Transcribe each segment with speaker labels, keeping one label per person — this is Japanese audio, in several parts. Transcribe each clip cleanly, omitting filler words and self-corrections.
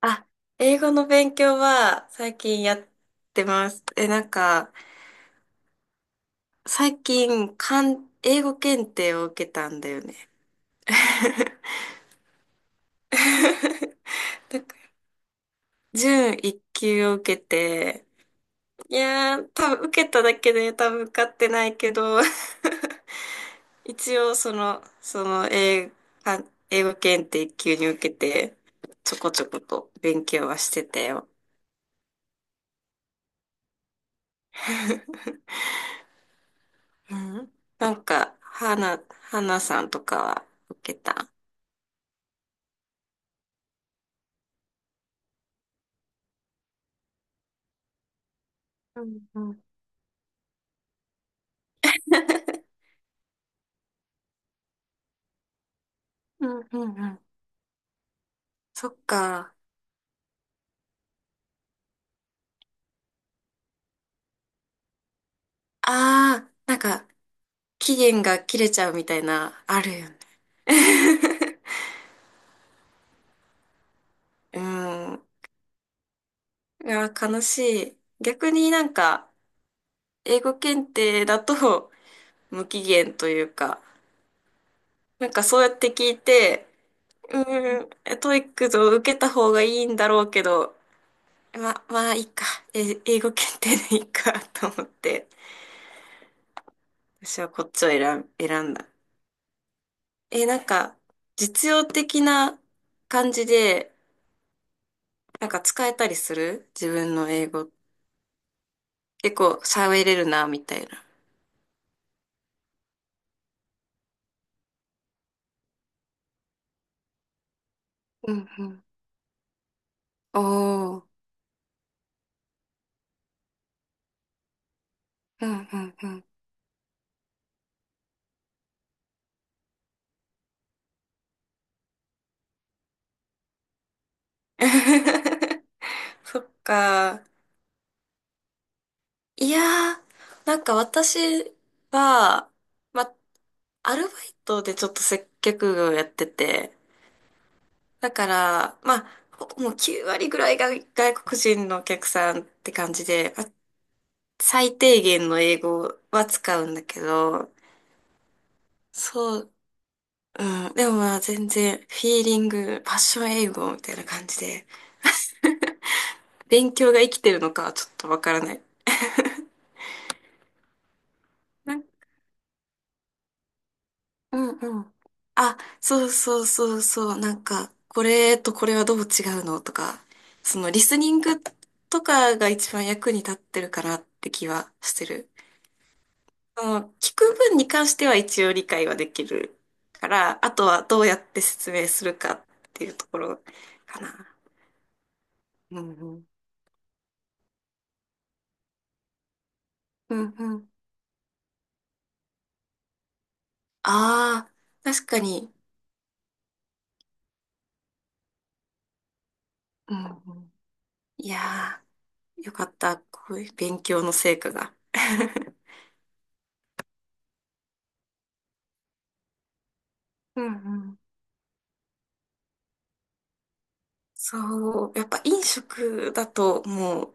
Speaker 1: あ、英語の勉強は最近やってます。え、なんか、最近、英語検定を受けたんだよね。なんか準一級を受けて、いやー、多分受けただけで多分受かってないけど、一応そのか英語検定一級に受けて、ちょこちょこと勉強はしてたよ。うん、なんか、花さんとかは受けた。うんうん。うんうんうん。そっか。ああ、なんか、期限が切れちゃうみたいな、あるよね。うん。いや、悲しい。逆になんか、英語検定だと無期限というか、なんかそうやって聞いて、うん、トイックを受けた方がいいんだろうけど、まあいいか。え、英語検定でいいかと思って。私はこっちを選ん、選んだ。え、なんか、実用的な感じで、なんか使えたりする自分の英語。結構喋れるな、みたいな。うんうん。おー。うんうんうん。そっか。いやー、なんか私は、ま、アルバイトでちょっと接客業やってて、だから、まあ、もう9割ぐらいが外国人のお客さんって感じで、最低限の英語は使うんだけど、そう、うん、でもまあ全然、フィーリング、パッション英語みたいな感じで、勉強が生きてるのかはちょっとわからない。なんうんうん。あ、そうそうそうそう、なんか、これとこれはどう違うのとか、そのリスニングとかが一番役に立ってるかなって気はしてる。その、聞く分に関しては一応理解はできるから、あとはどうやって説明するかっていうところかな。うんうん。うんうん。ああ、確かに。うんうん。いやー、よかった。こういう勉強の成果が。うんうんそう、やっぱ飲食だともう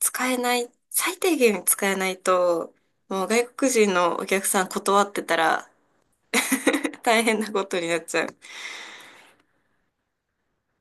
Speaker 1: 使えない、最低限使えないと、もう外国人のお客さん断ってたら 大変なことになっちゃう。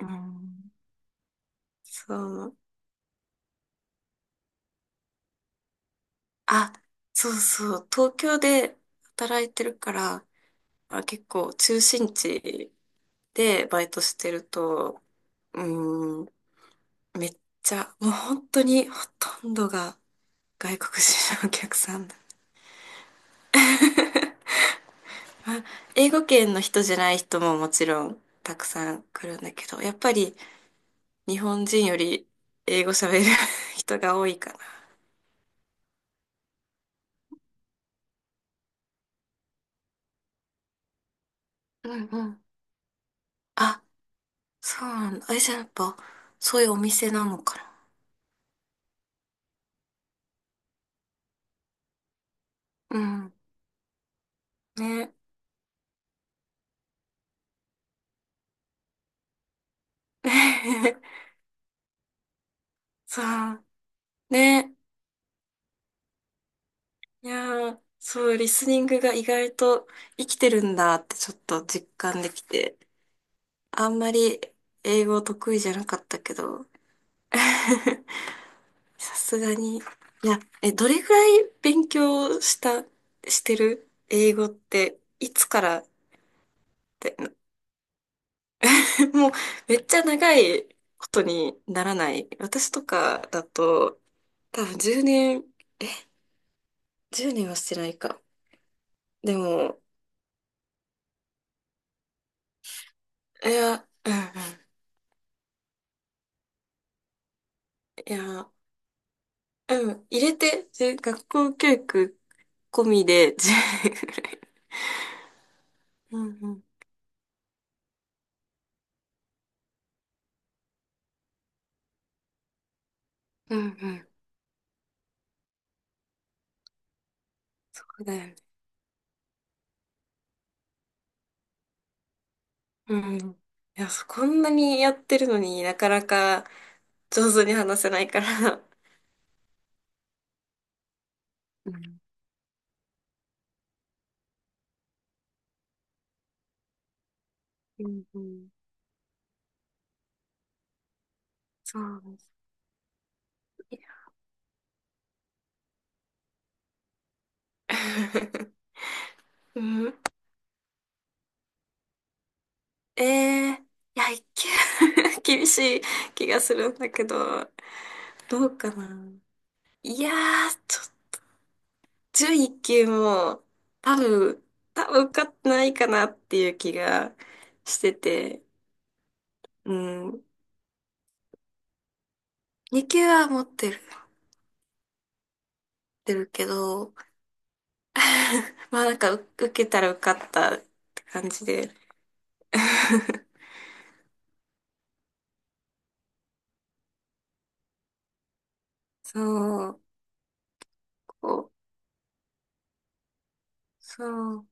Speaker 1: うんそう、あ、そうそう、東京で働いてるから、あ、結構中心地でバイトしてると、うーん、めっちゃ、もう本当にほとんどが外国人のお客さんだ。あ英語圏の人じゃない人ももちろんたくさん来るんだけど、やっぱり日本人より英語喋る 人が多いかな。うんうん。あ、そうなんだ。あれじゃあやっぱ、そういうお店なのかな。うん。ね。さあ、ね。いやー、そう、リスニングが意外と生きてるんだってちょっと実感できて、あんまり英語得意じゃなかったけど、さすがに。いや、え、どれぐらい勉強した、してる英語って、いつからって、もうめっちゃ長いことにならない。私とかだと、多分10年、え、10年はしてないか。でも、いや、うんうんいや、うん、入れて、で、学校教育込みで10年ぐらい。うんうん。うんうん。そうだよね。うんうん。いや、そこんなにやってるのになかなか上手に話せないから。うん。うんうん。そうですね。いや うん。えー、いや、厳しい気がするんだけど、どうかな。いやー、11級も多分、多分受かってないかなっていう気がしてて、うん。2級は持ってるけど、まあなんか受けたら受かったって感じで。そう、こう、そう、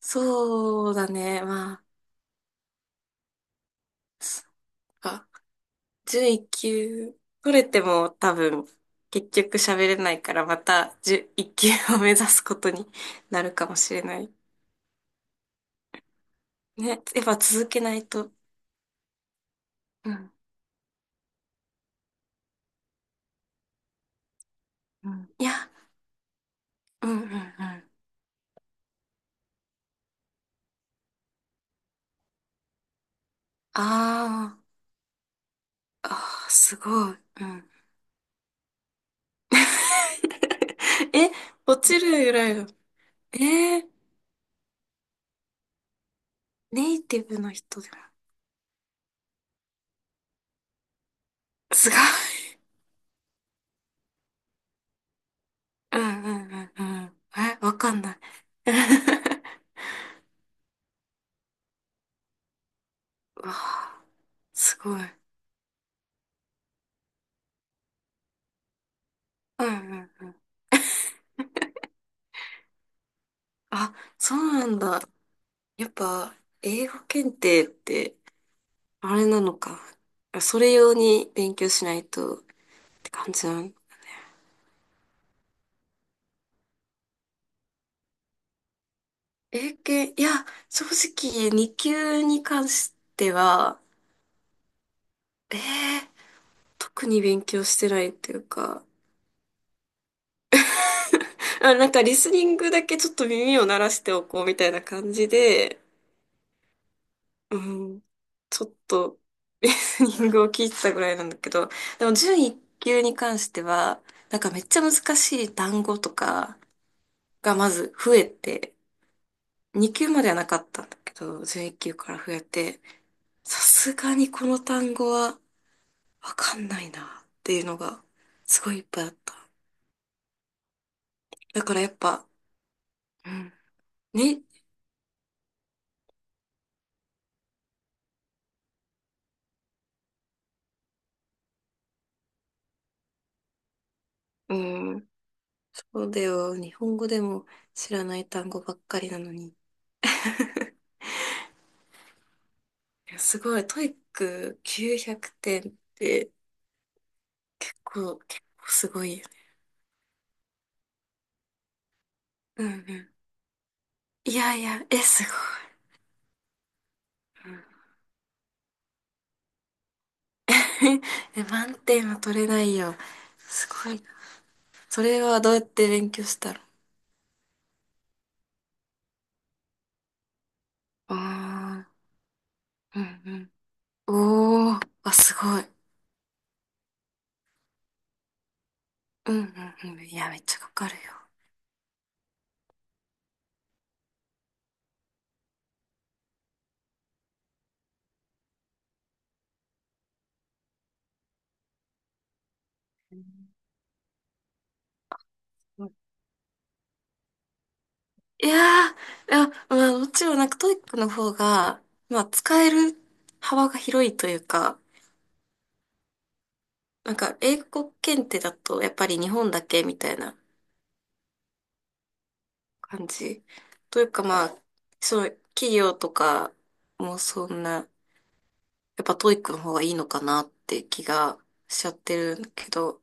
Speaker 1: そうだね、まあ、そっか。11級取れても多分、結局喋れないからまた11級を目指すことになるかもしれない。ね、やっぱ続けないと。うん、うん。いや、うん、うん、うん。あー、あー、すごい。うん。え、落ちるぐらいの。えー、ネイティブの人でも。すごい。うん、うん、うん、うん。え、わかんない。うわあ、すごい。うん、うん。あ、そうなんだ。やっぱ、英語検定って、あれなのか。それ用に勉強しないとって感じなのね英検、いや、正直、2級に関しては、ええ特に勉強してないっていうか、あ、なんかリスニングだけちょっと耳を鳴らしておこうみたいな感じで、うん、ちょっとリスニングを聞いてたぐらいなんだけど、でも準1級に関しては、なんかめっちゃ難しい単語とかがまず増えて、2級まではなかったんだけど、準1級から増えて、さすがにこの単語は、わかんないなっていうのがすごいいっぱいあった。だからやっぱ、うん、ね、うん、そうだよ。日本語でも知らない単語ばっかりなのに。いやすごい、トイック900点って結構すごいよね。うんうん。いやいや、え、すごい。うん え、満点は取れないよ。すごいな。それはどうやって勉強したのああー、うんうん。おー、あ、すごい。うんうんうん。いや、めっちゃかかるよ。いやー、いや、まあ、もちろんなんかトイックの方が、まあ、使える幅が広いというか、なんか英語検定だとやっぱり日本だけみたいな感じ。というかまあ、そう、企業とかもそんな、やっぱトイックの方がいいのかなって気がしちゃってるけど、